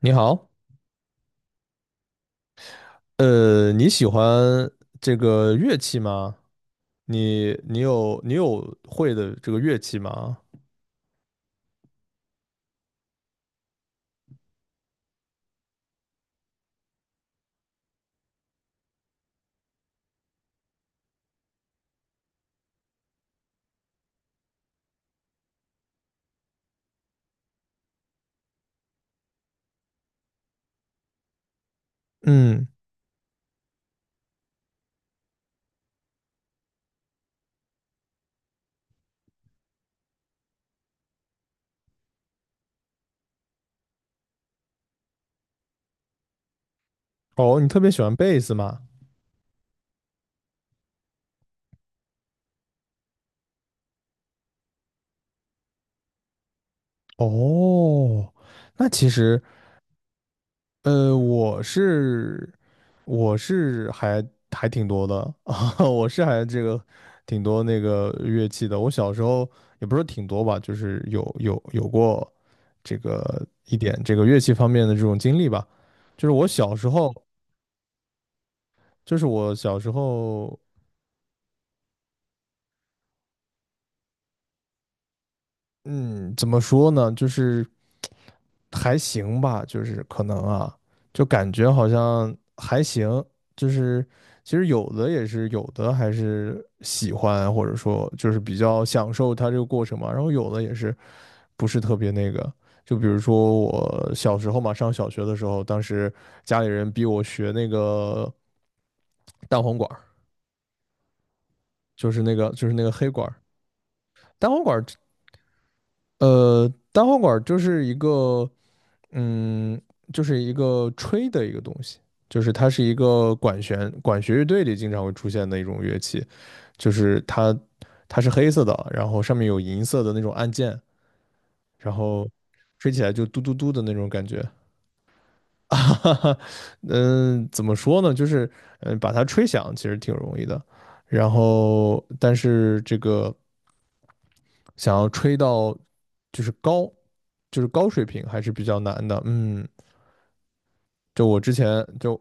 你好，你喜欢这个乐器吗？你有会的这个乐器吗？嗯。哦，你特别喜欢贝斯吗？哦，那其实，呃，我是我是还挺多的 啊，我是还这个挺多那个乐器的。我小时候也不是挺多吧，就是有过这个一点这个乐器方面的这种经历吧。就是我小时候。就是我小时候，嗯，怎么说呢，就是还行吧，就是可能啊，就感觉好像还行，就是其实有的也是有的还是喜欢，或者说就是比较享受它这个过程嘛，然后有的也是不是特别那个。就比如说我小时候嘛，上小学的时候，当时家里人逼我学那个蛋黄管儿，就是那个就是那个黑管儿。蛋黄管儿，呃，单簧管儿就是一个，嗯，就是一个吹的一个东西，就是它是一个管弦乐队里经常会出现的一种乐器，就是它是黑色的，然后上面有银色的那种按键，然后吹起来就嘟嘟嘟的那种感觉。哈哈。嗯，怎么说呢？就是嗯，把它吹响其实挺容易的，然后但是这个。想要吹到就是高，就是高水平还是比较难的。嗯，就我之前就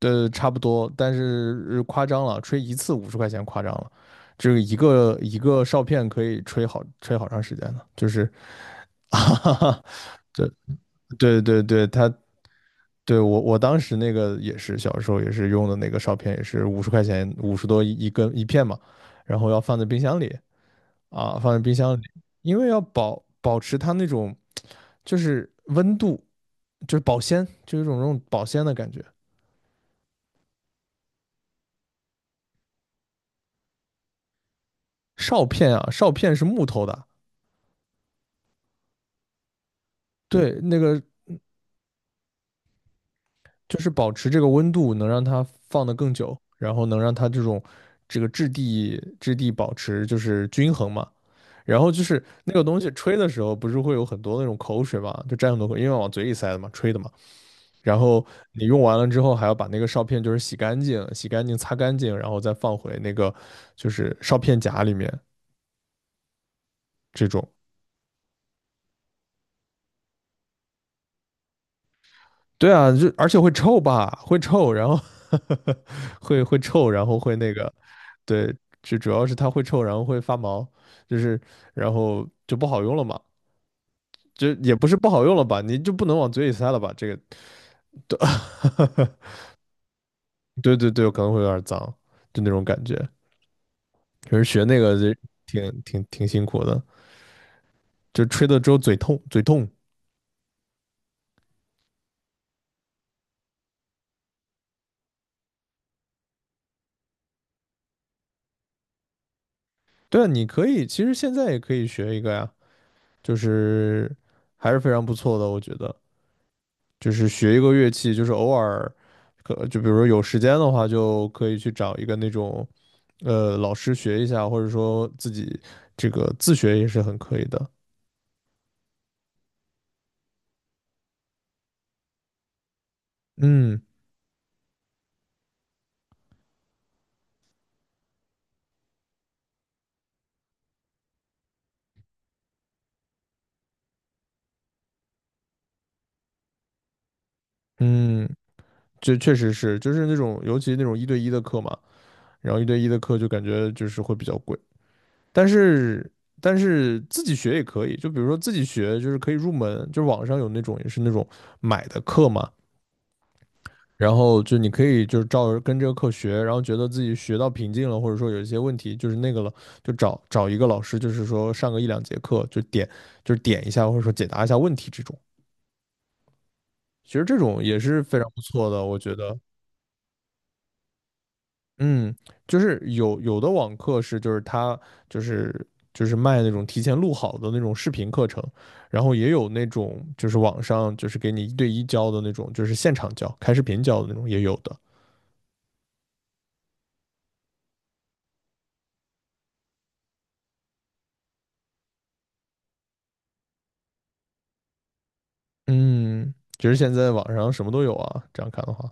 差不多，但是夸张了，吹一次五十块钱夸张了，这个一个一个哨片可以吹好长时间呢，就是，哈哈哈，对对对对，他。对，我当时那个也是小时候也是用的那个哨片，也是五十块钱50多一根一片嘛，然后要放在冰箱里，啊，放在冰箱里，因为要保持它那种就是温度，就是保鲜，就有一种那种保鲜的感觉。哨片啊，哨片是木头的。对，那个就是保持这个温度，能让它放得更久，然后能让它这种这个质地保持就是均衡嘛。然后就是那个东西吹的时候，不是会有很多那种口水嘛，就沾很多口，因为往嘴里塞的嘛，吹的嘛。然后你用完了之后，还要把那个哨片就是洗干净、洗干净、擦干净，然后再放回那个就是哨片夹里面。这种，对啊，就而且会臭吧，会臭，然后 会臭，然后会那个，对，就主要是它会臭，然后会发毛，就是然后就不好用了嘛，就也不是不好用了吧，你就不能往嘴里塞了吧，这个，对，对对对，可能会有点脏，就那种感觉，可是学那个就挺辛苦的。就吹的之后嘴痛，嘴痛。对啊，你可以，其实现在也可以学一个呀，就是还是非常不错的，我觉得，就是学一个乐器，就是偶尔，可就比如说有时间的话，就可以去找一个那种老师学一下，或者说自己这个自学也是很可以的。嗯。嗯，这确实是，就是那种尤其那种一对一的课嘛，然后一对一的课就感觉就是会比较贵。但是但是自己学也可以，就比如说自己学，就是可以入门，就是网上有那种也是那种买的课嘛，然后就你可以就是照着跟这个课学，然后觉得自己学到瓶颈了，或者说有一些问题就是那个了，就找一个老师，就是说上个1、2节课，就点就是点一下或者说解答一下问题这种，其实这种也是非常不错的，我觉得。嗯，就是有有的网课是，就是他就是就是卖那种提前录好的那种视频课程，然后也有那种就是网上就是给你一对一教的那种，就是现场教、开视频教的那种也有的。嗯，其实现在网上什么都有啊，这样看的话。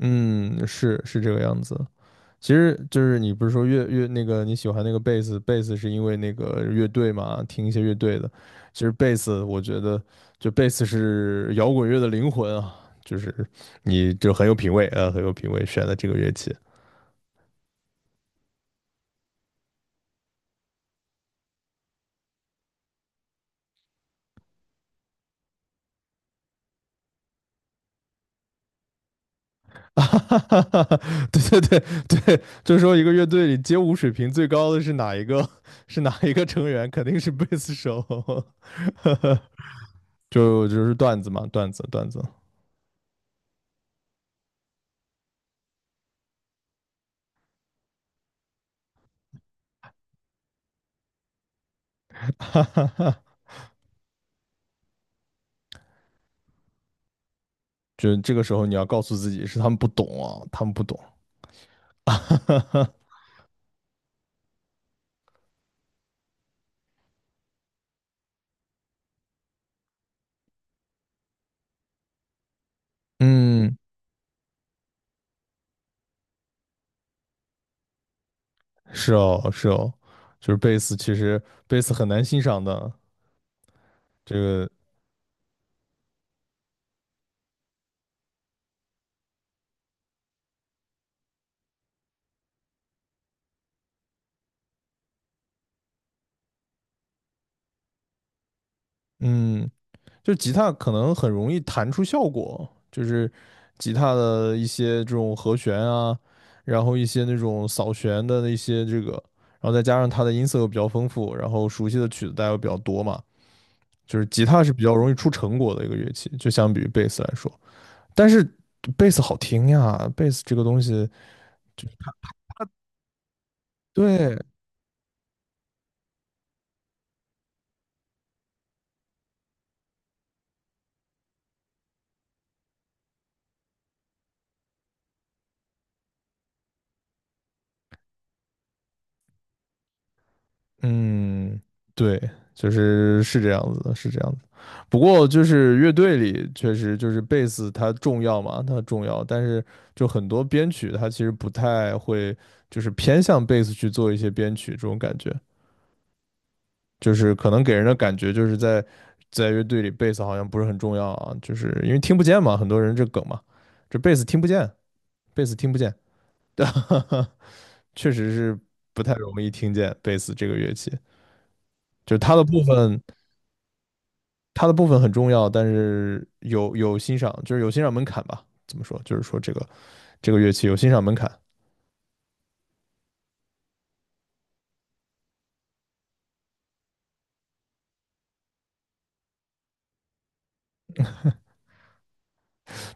嗯，是是这个样子。其实就是你不是说乐那个你喜欢那个贝斯，贝斯是因为那个乐队嘛，听一些乐队的。其实贝斯，我觉得就贝斯是摇滚乐的灵魂啊，就是你就很有品味啊，很有品味选的这个乐器。啊哈哈哈哈，对对对，对，就是说一个乐队里街舞水平最高的是哪一个？是哪一个成员？肯定是贝斯手。就是段子嘛，段子。就这个时候你要告诉自己是他们不懂啊，他们不懂。嗯，是哦，是哦，就是贝斯，其实贝斯很难欣赏的。这个，嗯，就吉他可能很容易弹出效果，就是吉他的一些这种和弦啊，然后一些那种扫弦的那些这个，然后再加上它的音色又比较丰富，然后熟悉的曲子大家又比较多嘛，就是吉他是比较容易出成果的一个乐器，就相比于贝斯来说。但是贝斯好听呀，贝斯这个东西，对。嗯，对，就是是这样子的，是这样子。不过就是乐队里确实就是贝斯它重要嘛，它重要，但是就很多编曲它其实不太会，就是偏向贝斯去做一些编曲这种感觉，就是可能给人的感觉就是在在乐队里贝斯好像不是很重要啊，就是因为听不见嘛，很多人这梗嘛，这贝斯听不见，贝斯听不见。哈哈。确实是不太容易听见贝斯这个乐器，就是它的部分，它的部分很重要，但是有欣赏，就是有欣赏门槛吧。怎么说？就是说这个乐器有欣赏门槛，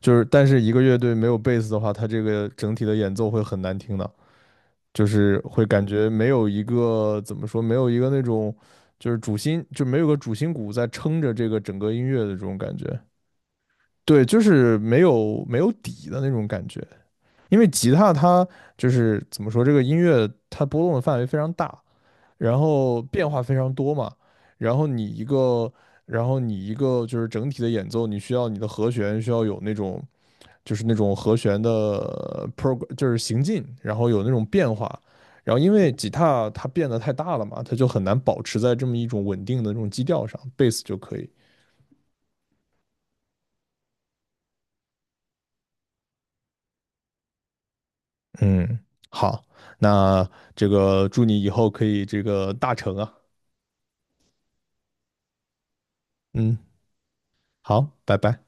就是但是一个乐队没有贝斯的话，它这个整体的演奏会很难听的，就是会感觉没有一个怎么说，没有一个那种就是主心，就没有个主心骨在撑着这个整个音乐的这种感觉。对，就是没有底的那种感觉，因为吉他它就是怎么说，这个音乐它波动的范围非常大，然后变化非常多嘛，然后你一个，然后你一个就是整体的演奏，你需要你的和弦需要有那种，就是那种和弦的 pro 就是行进，然后有那种变化，然后因为吉他它变得太大了嘛，它就很难保持在这么一种稳定的这种基调上，贝斯就可以。嗯，好，那这个祝你以后可以这个大成啊，嗯。好，拜拜。